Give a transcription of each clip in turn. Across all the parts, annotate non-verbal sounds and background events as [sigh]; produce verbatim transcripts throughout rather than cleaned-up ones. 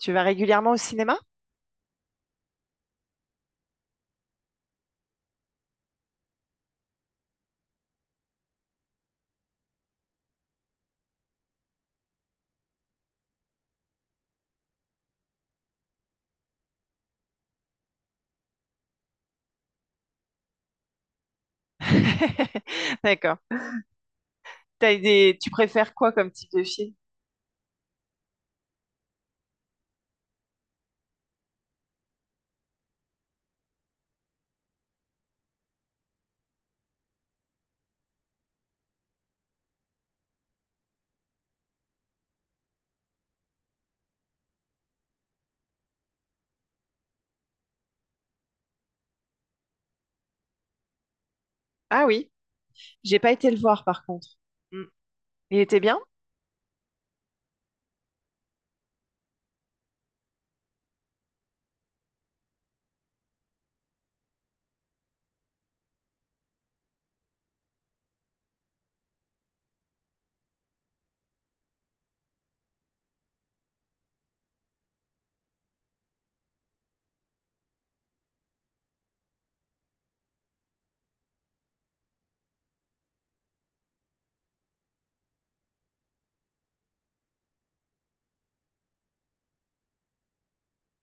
Tu vas régulièrement au cinéma? [laughs] D'accord. T'as des... Tu préfères quoi comme type de film? Ah oui, j'ai pas été le voir par contre. Mm. Il était bien?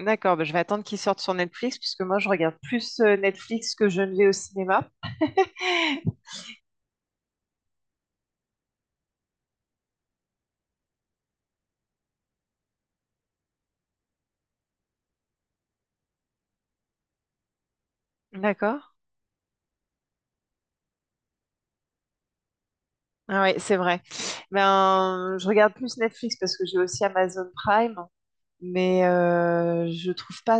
D'accord, bah, je vais attendre qu'il sorte sur Netflix puisque moi je regarde plus euh, Netflix que je ne vais au cinéma. [laughs] D'accord. Ah oui, c'est vrai. Ben, je regarde plus Netflix parce que j'ai aussi Amazon Prime, mais euh, je trouve pas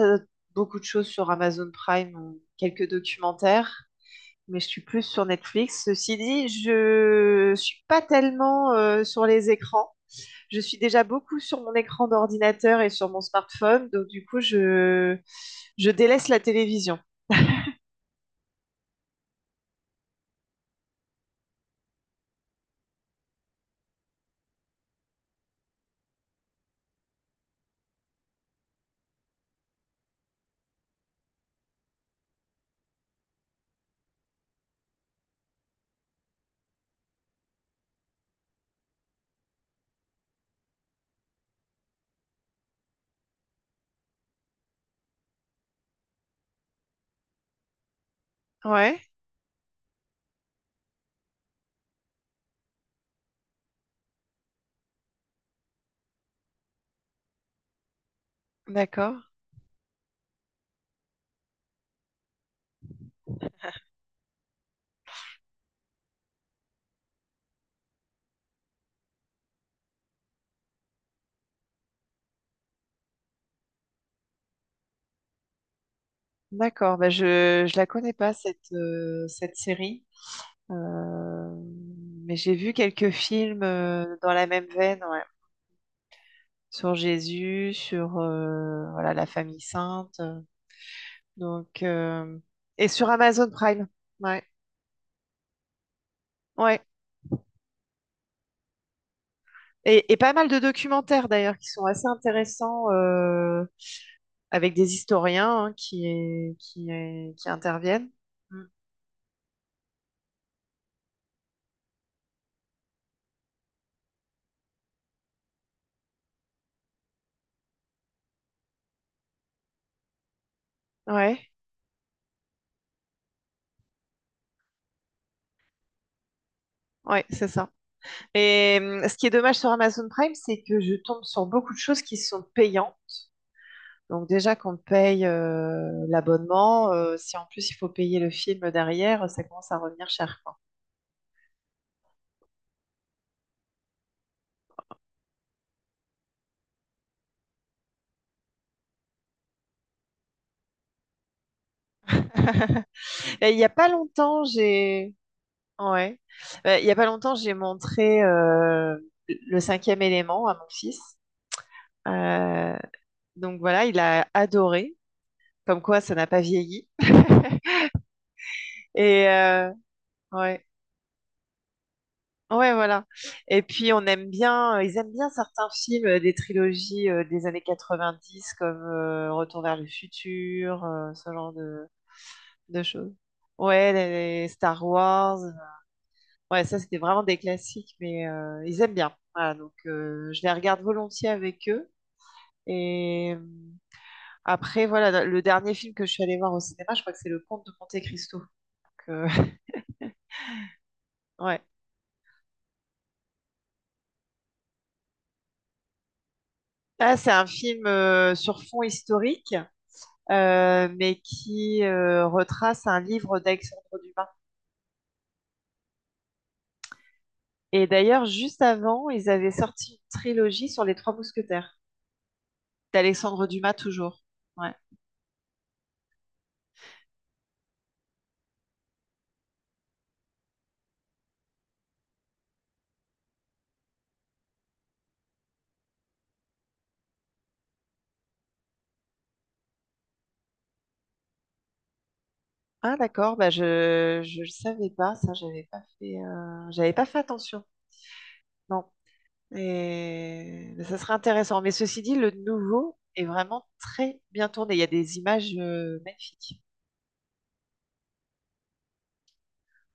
beaucoup de choses sur Amazon Prime, quelques documentaires. Mais je suis plus sur Netflix. Ceci dit, je suis pas tellement euh, sur les écrans. Je suis déjà beaucoup sur mon écran d'ordinateur et sur mon smartphone, donc du coup, je, je délaisse la télévision. Ouais, d'accord. D'accord, bah je je la connais pas cette euh, cette série. Euh, mais j'ai vu quelques films euh, dans la même veine, ouais. Sur Jésus, sur euh, voilà la famille sainte, euh, donc euh, et sur Amazon Prime, ouais. Ouais. Et, et pas mal de documentaires d'ailleurs qui sont assez intéressants euh, avec des historiens hein, qui, qui, qui interviennent. Mm. Ouais, ouais, c'est ça. Et hum, ce qui est dommage sur Amazon Prime, c'est que je tombe sur beaucoup de choses qui sont payantes. Donc déjà qu'on paye euh, l'abonnement, euh, si en plus il faut payer le film derrière, ça commence à revenir cher, quoi. [laughs] Et il n'y a pas longtemps, j'ai... Ouais. Euh, il y a pas longtemps, j'ai montré euh, le cinquième élément à mon fils. Euh, donc voilà, il a adoré. Comme quoi, ça n'a pas vieilli. [laughs] Et euh, ouais. Ouais, voilà. Et puis on aime bien, euh, ils aiment bien certains films euh, des trilogies euh, des années quatre-vingt-dix, comme euh, Retour vers le futur, euh, ce genre de, de choses. Ouais, les, les Star Wars. Ouais, ça, c'était vraiment des classiques, mais euh, ils aiment bien. Voilà, donc euh, je les regarde volontiers avec eux. Et euh, après, voilà, le dernier film que je suis allée voir au cinéma, je crois que c'est Le Comte de Monte-Cristo. Donc, euh, [laughs] ouais. Là, c'est un film euh, sur fond historique, euh, mais qui euh, retrace un livre d'Alexandre Dumas. Et d'ailleurs, juste avant, ils avaient sorti une trilogie sur les Trois Mousquetaires, d'Alexandre Dumas toujours. Ouais. Ah d'accord, bah je je le savais pas ça, j'avais pas fait euh, j'avais pas fait attention. Non. Et mais ça serait intéressant. Mais ceci dit, le nouveau est vraiment très bien tourné. Il y a des images euh, magnifiques.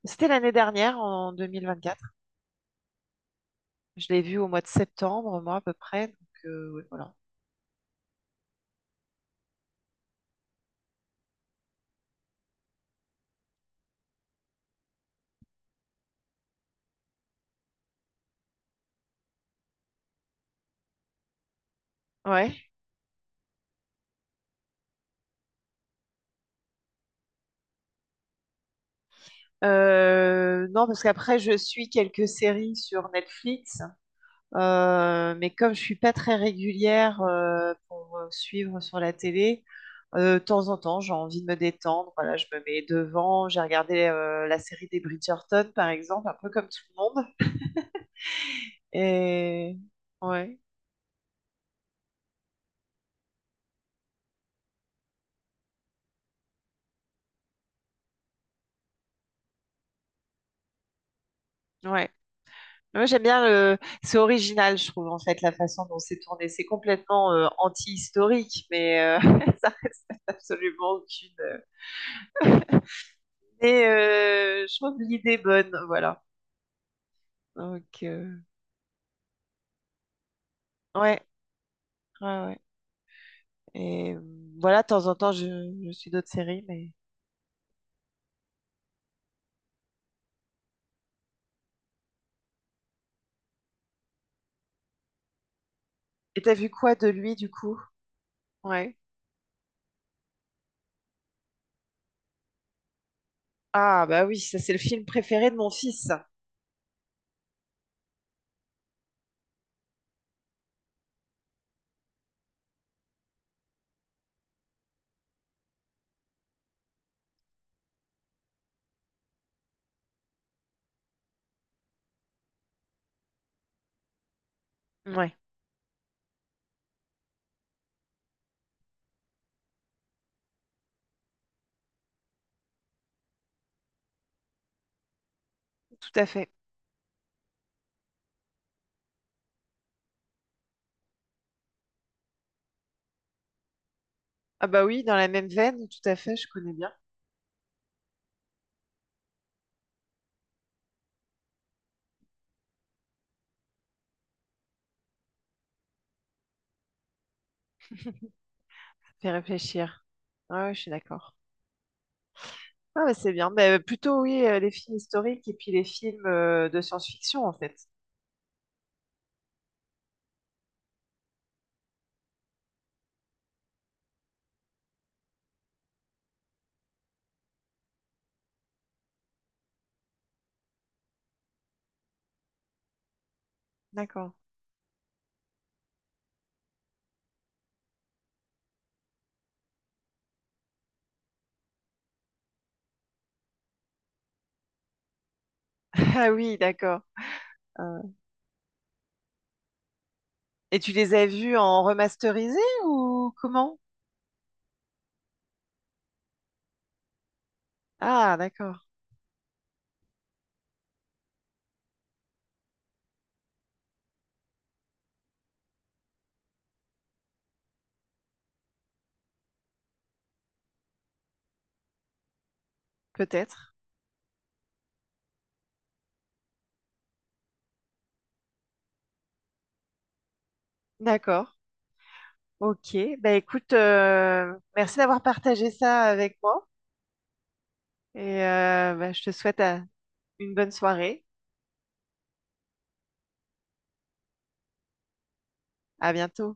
C'était l'année dernière, en deux mille vingt quatre. Je l'ai vu au mois de septembre, moi à peu près. Donc euh, ouais, voilà. Ouais. Euh, non, parce qu'après je suis quelques séries sur Netflix. Euh, mais comme je suis pas très régulière euh, pour euh, suivre sur la télé, euh, de temps en temps, j'ai envie de me détendre. Voilà, je me mets devant. J'ai regardé euh, la série des Bridgerton, par exemple, un peu comme tout le monde. Et ouais, ouais. Moi, j'aime bien le... C'est original, je trouve, en fait, la façon dont c'est tourné. C'est complètement euh, anti-historique, mais euh, [laughs] ça reste absolument aucune. Mais euh, je trouve l'idée bonne, voilà. Donc, euh, ouais, ouais, ouais. Et euh, voilà, de temps en temps, je, je suis d'autres séries, mais... Et t'as vu quoi de lui, du coup? Ouais. Ah, bah oui, ça, c'est le film préféré de mon fils. Ça. Ouais, tout à fait. Ah bah oui, dans la même veine, tout à fait, je connais bien. Fais réfléchir. Ah ouais, je suis d'accord. Ah bah c'est bien. Mais plutôt, oui, euh, les films historiques et puis les films euh, de science-fiction, en fait. D'accord. [laughs] Ah oui, d'accord. Euh, et tu les as vus en remasterisé ou comment? Ah, d'accord, peut-être. D'accord, ok. Bah écoute, euh, merci d'avoir partagé ça avec moi et euh, bah, je te souhaite euh, une bonne soirée. À bientôt.